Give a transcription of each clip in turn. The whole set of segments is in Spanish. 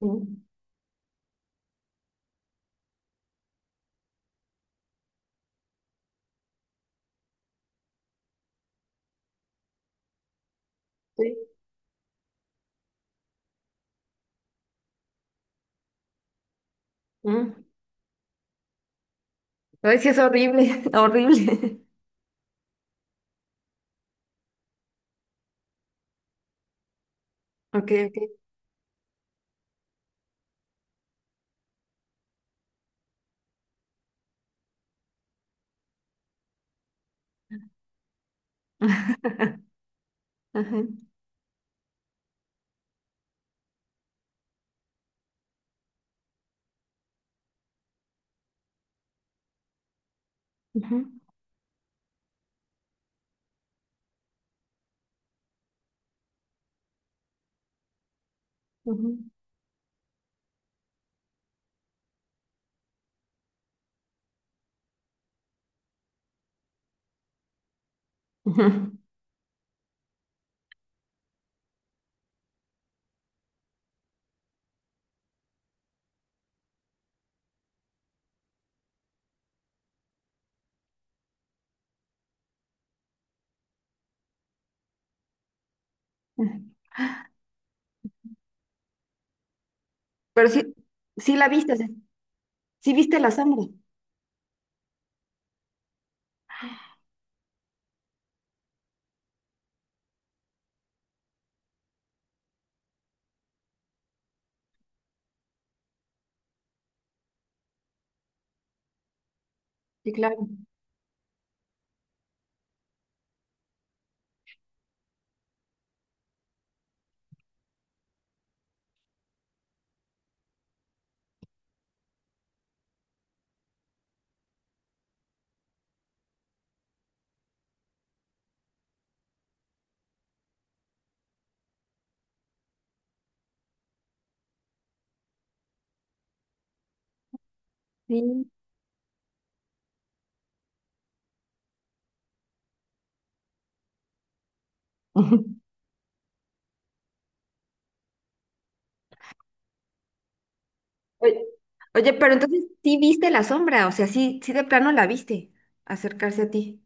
Mm, sí. Mm. Ay, sí, es horrible, horrible. Ok, ok. Ajá, ujú, ujú, ujú. Pero sí, sí la viste, o sea, sí viste la sombra. Sí, claro. Sí. Ujú. Oye, oye, pero entonces sí viste la sombra, o sea, sí, sí de plano la viste acercarse a ti.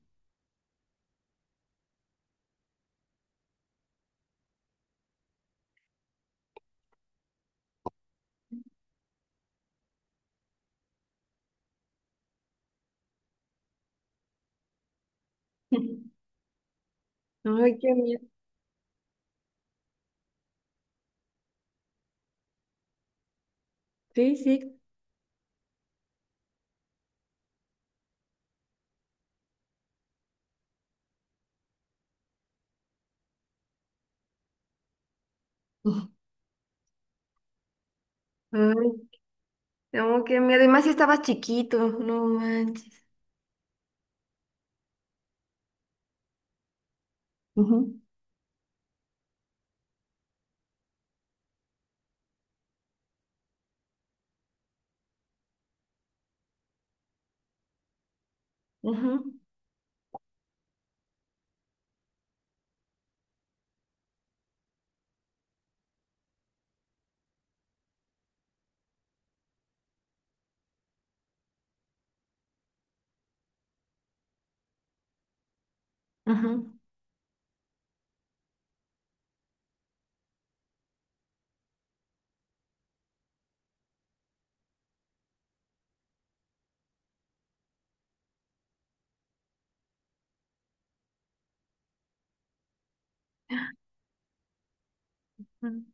Ay, qué miedo. Sí, sí. Ay, no, qué miedo. Y más si estabas chiquito, no manches. Ujú, ujú, ujú, ujú.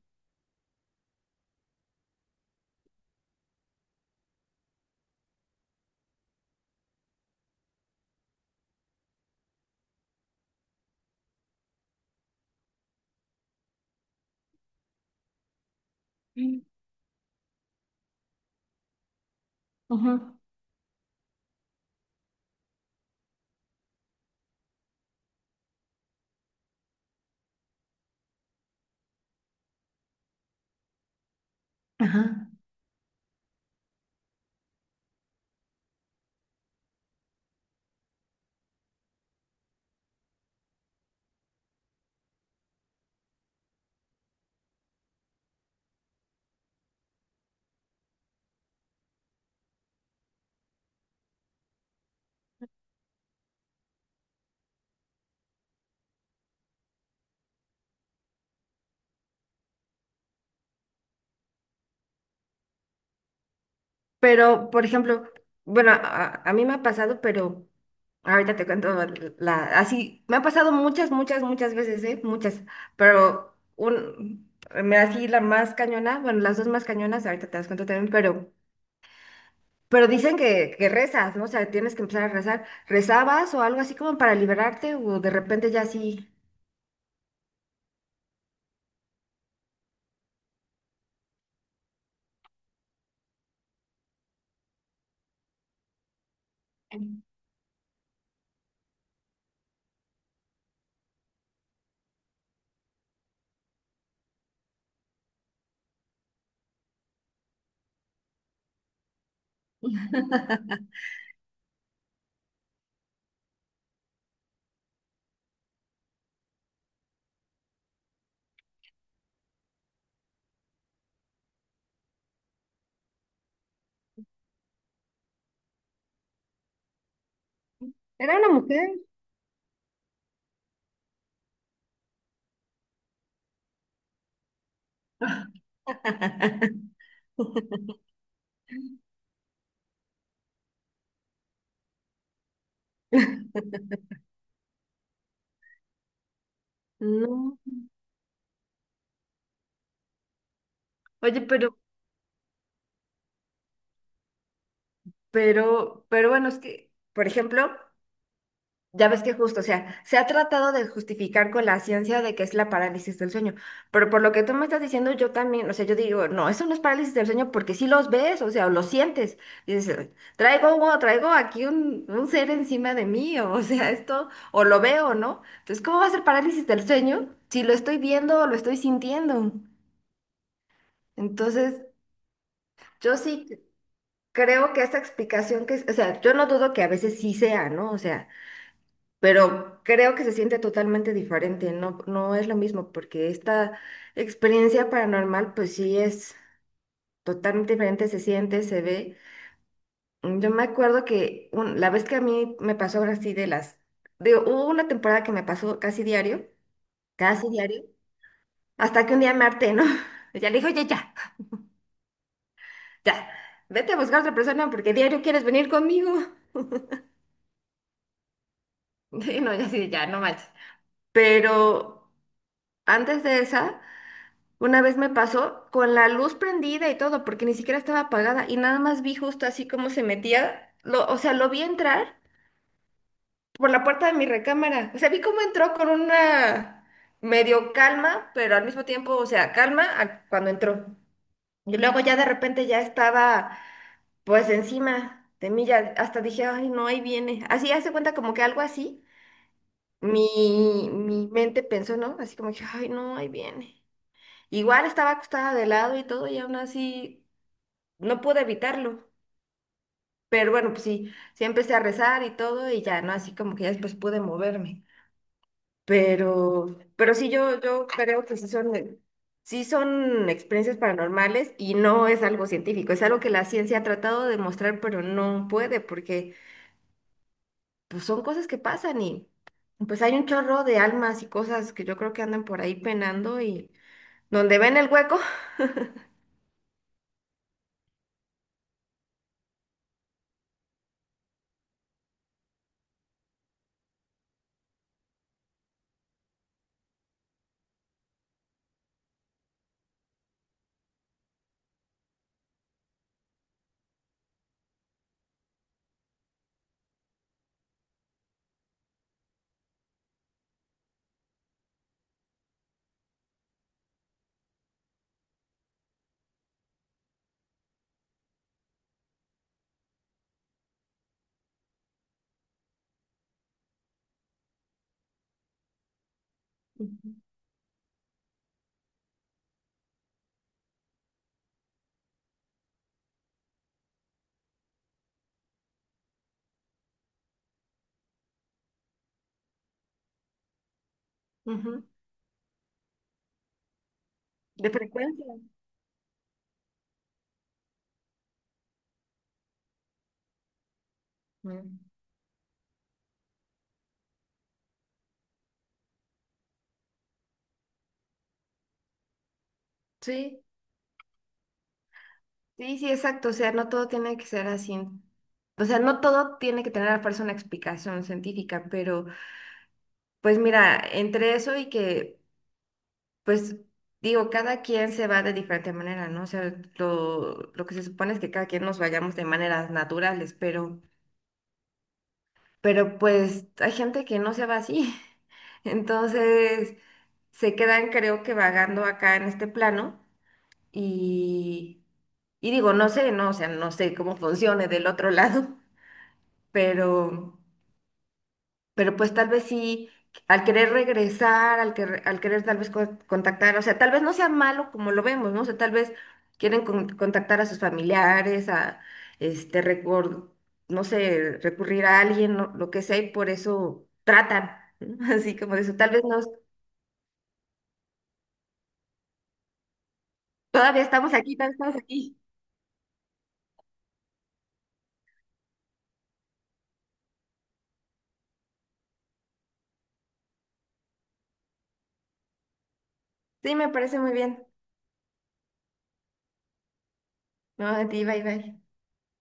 Ujú, ajá. Pero, por ejemplo, bueno, a mí me ha pasado, pero ahorita te cuento la, así, me ha pasado muchas, muchas, muchas veces, ¿eh? Muchas, pero me así la más cañona, bueno, las dos más cañonas, ahorita te las cuento también, pero, dicen que rezas, ¿no? O sea, tienes que empezar a rezar. ¿Rezabas o algo así como para liberarte o de repente ya así? ¿Era una mujer? No. Oye, pero bueno, es que, por ejemplo... Ya ves que justo, o sea, se ha tratado de justificar con la ciencia de que es la parálisis del sueño, pero por lo que tú me estás diciendo, yo también, o sea, yo digo, no, eso no es parálisis del sueño porque sí los ves, o sea, o los sientes, dices, traigo, o traigo aquí un ser encima de mí, o o sea, esto, o lo veo, ¿no? Entonces, ¿cómo va a ser parálisis del sueño si lo estoy viendo o lo estoy sintiendo? Entonces, yo sí creo que esta explicación que, o sea, yo no dudo que a veces sí sea, ¿no? O sea, pero creo que se siente totalmente diferente, no, no es lo mismo, porque esta experiencia paranormal, pues sí es totalmente diferente, se siente, se ve. Yo me acuerdo que la vez que a mí me pasó ahora sí de las, digo, hubo una temporada que me pasó casi diario, hasta que un día me harté, ¿no? Ya le dije, oye, ya, ya, vete a buscar otra persona porque diario quieres venir conmigo. Y no, ya sí, ya, no manches. Pero antes de esa... Una vez me pasó con la luz prendida y todo, porque ni siquiera estaba apagada y nada más vi justo así como se metía, o sea, lo vi entrar por la puerta de mi recámara. O sea, vi cómo entró con una medio calma, pero al mismo tiempo, o sea, calma cuando entró. Y luego ya de repente ya estaba pues encima de mí, ya hasta dije, ay, no, ahí viene. Así hace cuenta como que algo así. Mi mente pensó, ¿no? Así como que, ay, no, ahí viene. Igual estaba acostada de lado y todo, y aún así no pude evitarlo, pero bueno, pues sí, sí empecé a rezar y todo y ya, ¿no? Así como que ya después pude moverme. Pero sí, yo creo que sí son experiencias paranormales y no es algo científico, es algo que la ciencia ha tratado de demostrar, pero no puede, porque pues son cosas que pasan y pues hay un chorro de almas y cosas que yo creo que andan por ahí penando y donde ven el hueco, ujú, ujú, de frecuencia. Mm. Sí. Sí, sí, exacto. O sea, no todo tiene que ser así. O sea, no todo tiene que tener a fuerza una explicación científica, pero pues mira, entre eso y que, pues digo, cada quien se va de diferente manera, ¿no? O sea, lo que se supone es que cada quien nos vayamos de maneras naturales, pero, pues hay gente que no se va así. Entonces, se quedan, creo que vagando acá en este plano y, y digo, no sé, no, o sea, no sé cómo funcione del otro lado. pero, pero pues tal vez sí, al querer regresar, al querer tal vez contactar, o sea, tal vez no sea malo como lo vemos, ¿no? O sea, tal vez quieren contactar a sus familiares, a, este, no sé, recurrir a alguien, lo que sea, y por eso tratan, ¿no? Así como de eso, tal vez no todavía estamos aquí, tal vez estamos aquí. Sí, me parece muy bien. No, a ti, bye, bye.